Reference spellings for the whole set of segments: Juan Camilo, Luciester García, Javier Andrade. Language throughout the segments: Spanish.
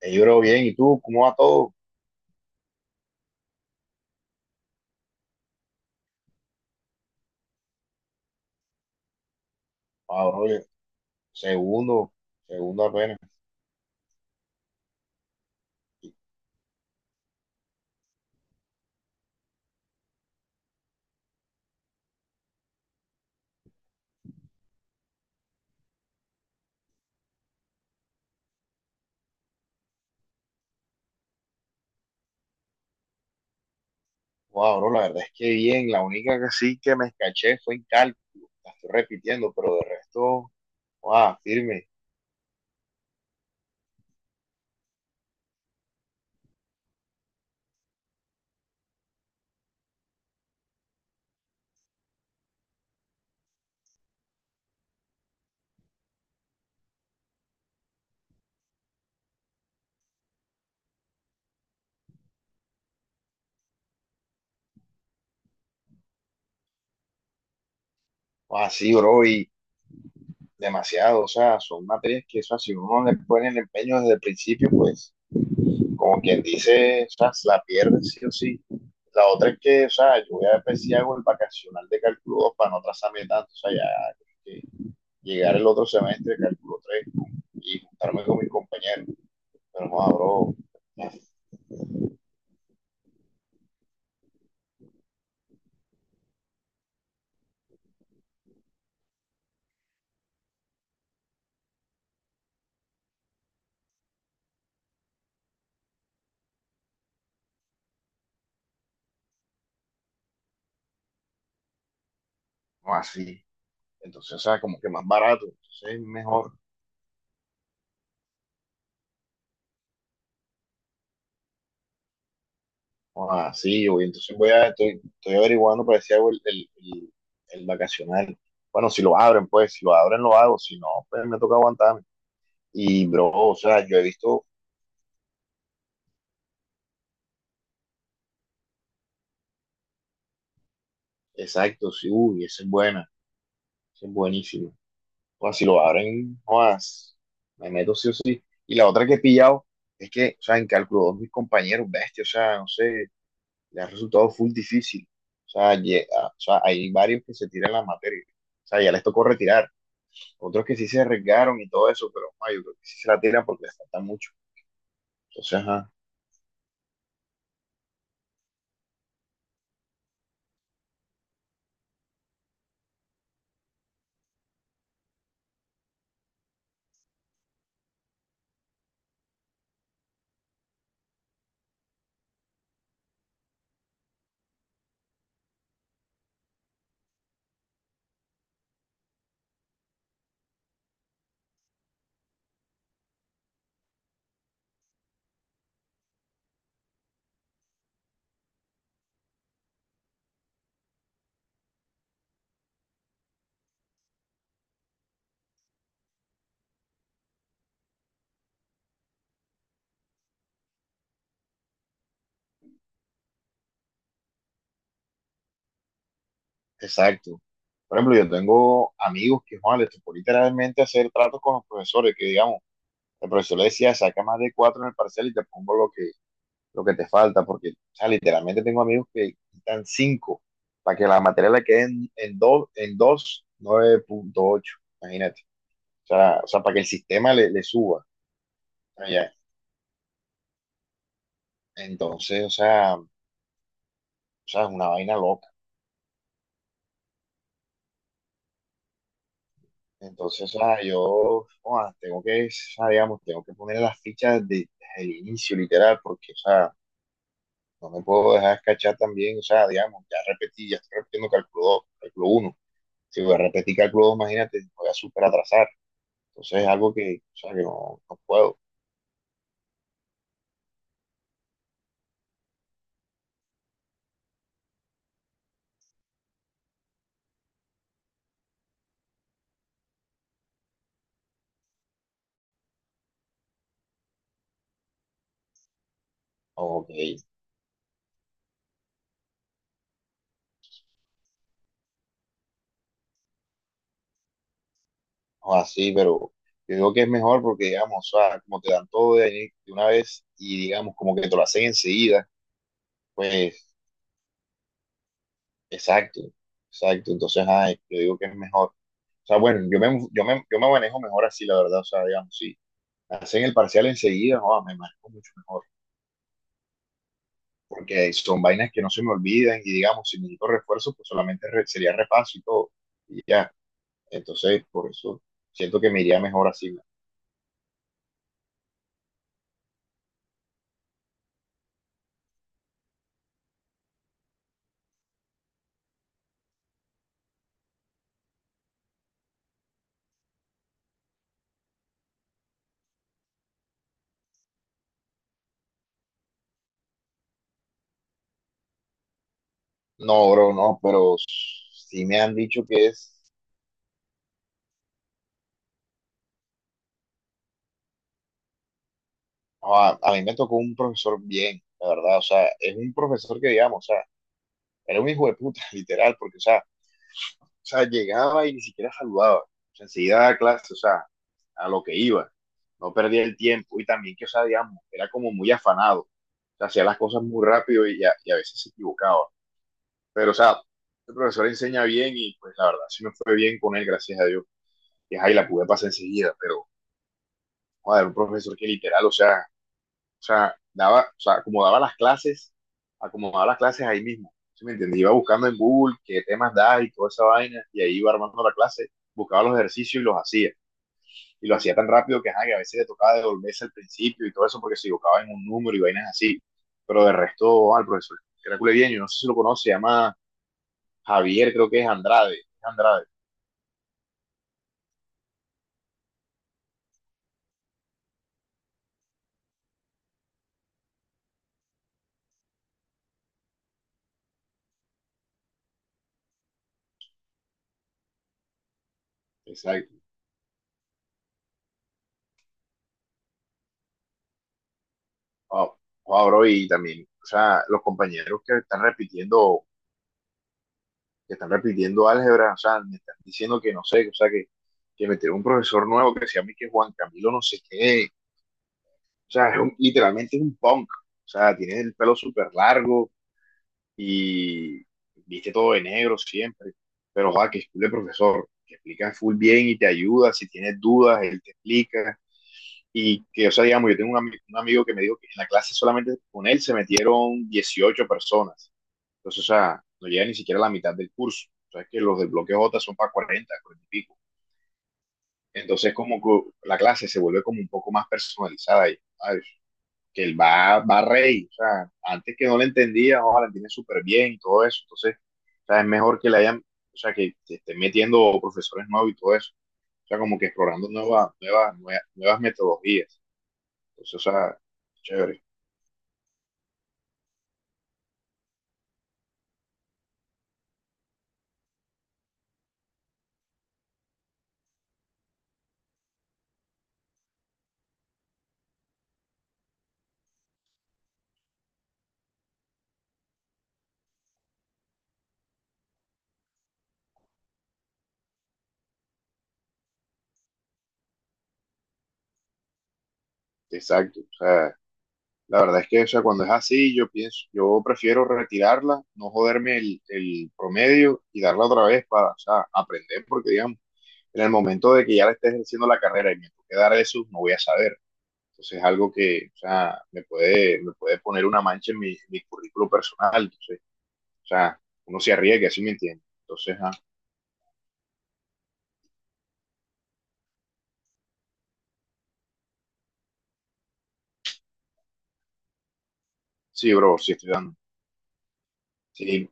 Yo bro, bien, ¿y tú? ¿Cómo va todo? Ah, bro, segundo, segundo apenas. Wow, bro, la verdad es que bien, la única que sí que me escaché fue en cálculo, la estoy repitiendo, pero de resto, wow, firme, wow, sí, bro, y demasiado, o sea, son materias que, o sea, si uno le pone el empeño desde el principio, pues, como quien dice, o sea, se la pierde sí o sí. La otra es que, o sea, yo voy a ver si hago el vacacional de cálculo 2 para no atrasarme tanto, o sea, ya, llegar el otro semestre, cálculo 3 y juntarme con mis compañeros. Pero no, bro, no así. Entonces, o sea, como que más barato, entonces es mejor. No así, voy. Entonces estoy averiguando para decir el vacacional. Bueno, si lo abren, pues, si lo abren, lo hago. Si no, pues me toca aguantarme. Y, bro, o sea, yo he visto, exacto, sí, uy, esa es buena, esa es buenísima. O sea, si lo abren, jodas, me meto sí o sí. Y la otra que he pillado es que, o sea, en cálculo dos mis compañeros, bestia, o sea, no sé, le ha resultado full difícil. O sea, o sea, hay varios que se tiran las materias. O sea, ya les tocó retirar. Otros que sí se arriesgaron y todo eso, pero ay, yo creo que sí se la tiran porque les falta mucho. Entonces, ajá, exacto. Por ejemplo, yo tengo amigos que, joder, les tocó literalmente hacer tratos con los profesores, que digamos, el profesor le decía, saca más de cuatro en el parcial y te pongo lo que te falta, porque o sea, literalmente tengo amigos que quitan 5 para que la materia le quede en dos, nueve punto ocho, imagínate. O sea, para que el sistema le suba. Allá. Entonces, o sea, es una vaina loca. Entonces, o sea, yo joda, tengo que, o sea, digamos, tengo que poner las fichas desde el inicio, literal, porque, o sea, no me puedo dejar escachar también, o sea, digamos, ya repetí, ya estoy repitiendo cálculo 2, cálculo uno. Si voy a repetir cálculo 2, imagínate, voy a súper atrasar. Entonces es algo que, o sea, que no puedo, o que, o así, pero yo digo que es mejor porque, digamos, o sea, como te dan todo de, ahí de una vez y, digamos, como que te lo hacen enseguida, pues, exacto, exacto. Entonces, ay, yo digo que es mejor. O sea, bueno, yo me manejo mejor así, la verdad, o sea, digamos, si hacen el parcial enseguida, no, me manejo mucho mejor, porque son vainas que no se me olvidan y, digamos, si necesito refuerzo, pues solamente sería repaso y todo, y ya. Entonces, por eso siento que me iría mejor así. No, bro, no, pero sí me han dicho a mí me tocó un profesor bien, la verdad, o sea, es un profesor que digamos, o sea, era un hijo de puta, literal, porque, o sea, llegaba y ni siquiera saludaba, o sea, enseguida daba clase, o sea, a lo que iba, no perdía el tiempo y también que, o sea, digamos, era como muy afanado, o sea, hacía las cosas muy rápido y a veces se equivocaba, pero, o sea, el profesor enseña bien y pues la verdad, sí me fue bien con él, gracias a Dios, y ahí la pude pasar enseguida, pero... Joder, un profesor que literal, o sea, o sea, acomodaba las clases ahí mismo. ¿Sí me entiendes? Iba buscando en Google qué temas da y toda esa vaina, y ahí iba armando la clase, buscaba los ejercicios y los hacía. Y lo hacía tan rápido que, ajá, que a veces le tocaba devolverse al principio y todo eso porque se equivocaba en un número y vainas así. Pero de resto, al profesor, que era cule bien, yo no sé si lo conoce, se llama Javier, creo que es Andrade. Andrade, exacto. Wow, wow, bro, y también, o sea, los compañeros que están repitiendo álgebra, o sea, me están diciendo que no sé, o sea, que, metieron un profesor nuevo que se llama que Juan Camilo no sé qué, o sea, literalmente es un punk, o sea, tiene el pelo súper largo y viste todo de negro siempre, pero joder, que es cool el profesor, que explica full bien y te ayuda, si tienes dudas, él te explica, y que, o sea, digamos, yo tengo un amigo que me dijo que en la clase solamente con él se metieron 18 personas, entonces, o sea, no llega ni siquiera a la mitad del curso. O sea, es que los del bloque J son para 40 40 y pico. Entonces, como que la clase se vuelve como un poco más personalizada y, ay, que él va, va rey. O sea, antes que no le entendía, ahora la entiende súper bien y todo eso. Entonces, o sea, es mejor que le hayan, o sea, que te estén metiendo profesores nuevos y todo eso. O sea, como que explorando nuevas metodologías. Entonces, o sea, chévere. Exacto. O sea, la verdad es que, o sea, cuando es así, yo pienso, yo prefiero retirarla, no joderme el promedio y darla otra vez para, o sea, aprender, porque digamos, en el momento de que ya la esté ejerciendo la carrera y me toque dar eso, no voy a saber. Entonces es algo que, o sea, me puede poner una mancha en mi currículo personal. Entonces, o sea, uno se arriesga, sí me entiende. Entonces, ah, sí, bro, sí estoy dando. Sí,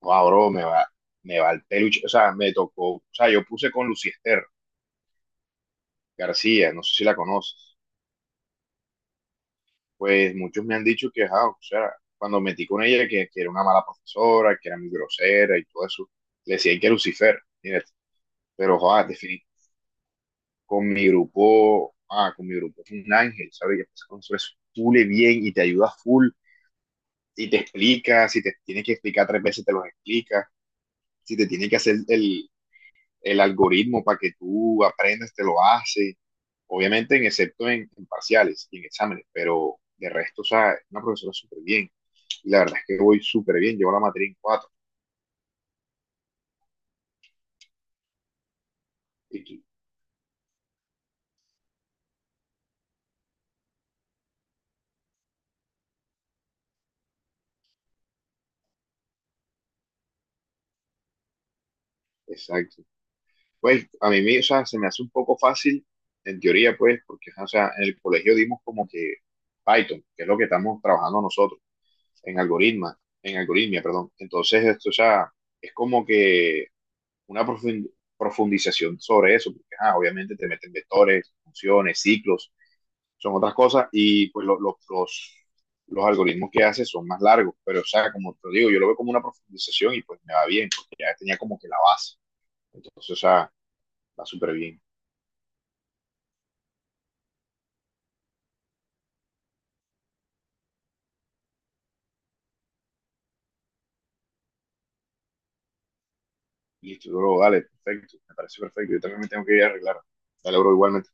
wow, bro, me va el peluche. O sea, me tocó, o sea, yo puse con Luciester García, no sé si la conoces. Pues muchos me han dicho que, ah, o sea, cuando metí con ella, que era una mala profesora, que era muy grosera y todo eso, le decían que Lucifer, mira, pero, joder, definí, con mi grupo, ah, con mi grupo es un ángel, ¿sabes? Y entonces con eso es full y bien y te ayuda full y te explica, si te tienes que explicar tres veces, te los explica, si te tiene que hacer el algoritmo para que tú aprendas, te lo hace, obviamente, excepto en parciales y en exámenes, pero de resto, o sea, es una profesora súper bien. Y la verdad es que voy súper bien, llevo la materia en cuatro. Y- exacto. Pues a mí, me- o sea, se me hace un poco fácil, en teoría, pues, porque, o sea, en el colegio dimos como que Python, que es lo que estamos trabajando nosotros, en algoritma, en algoritmia, perdón. Entonces, esto, o sea, es como que una profundización sobre eso, porque, ah, obviamente te meten vectores, funciones, ciclos, son otras cosas y pues los algoritmos que hace son más largos, pero o sea, como te digo, yo lo veo como una profundización y pues me va bien, porque ya tenía como que la base, entonces o sea, va súper bien. Listo, luego dale, perfecto, me parece perfecto, yo también me tengo que ir a arreglar. Dale, bro, igualmente.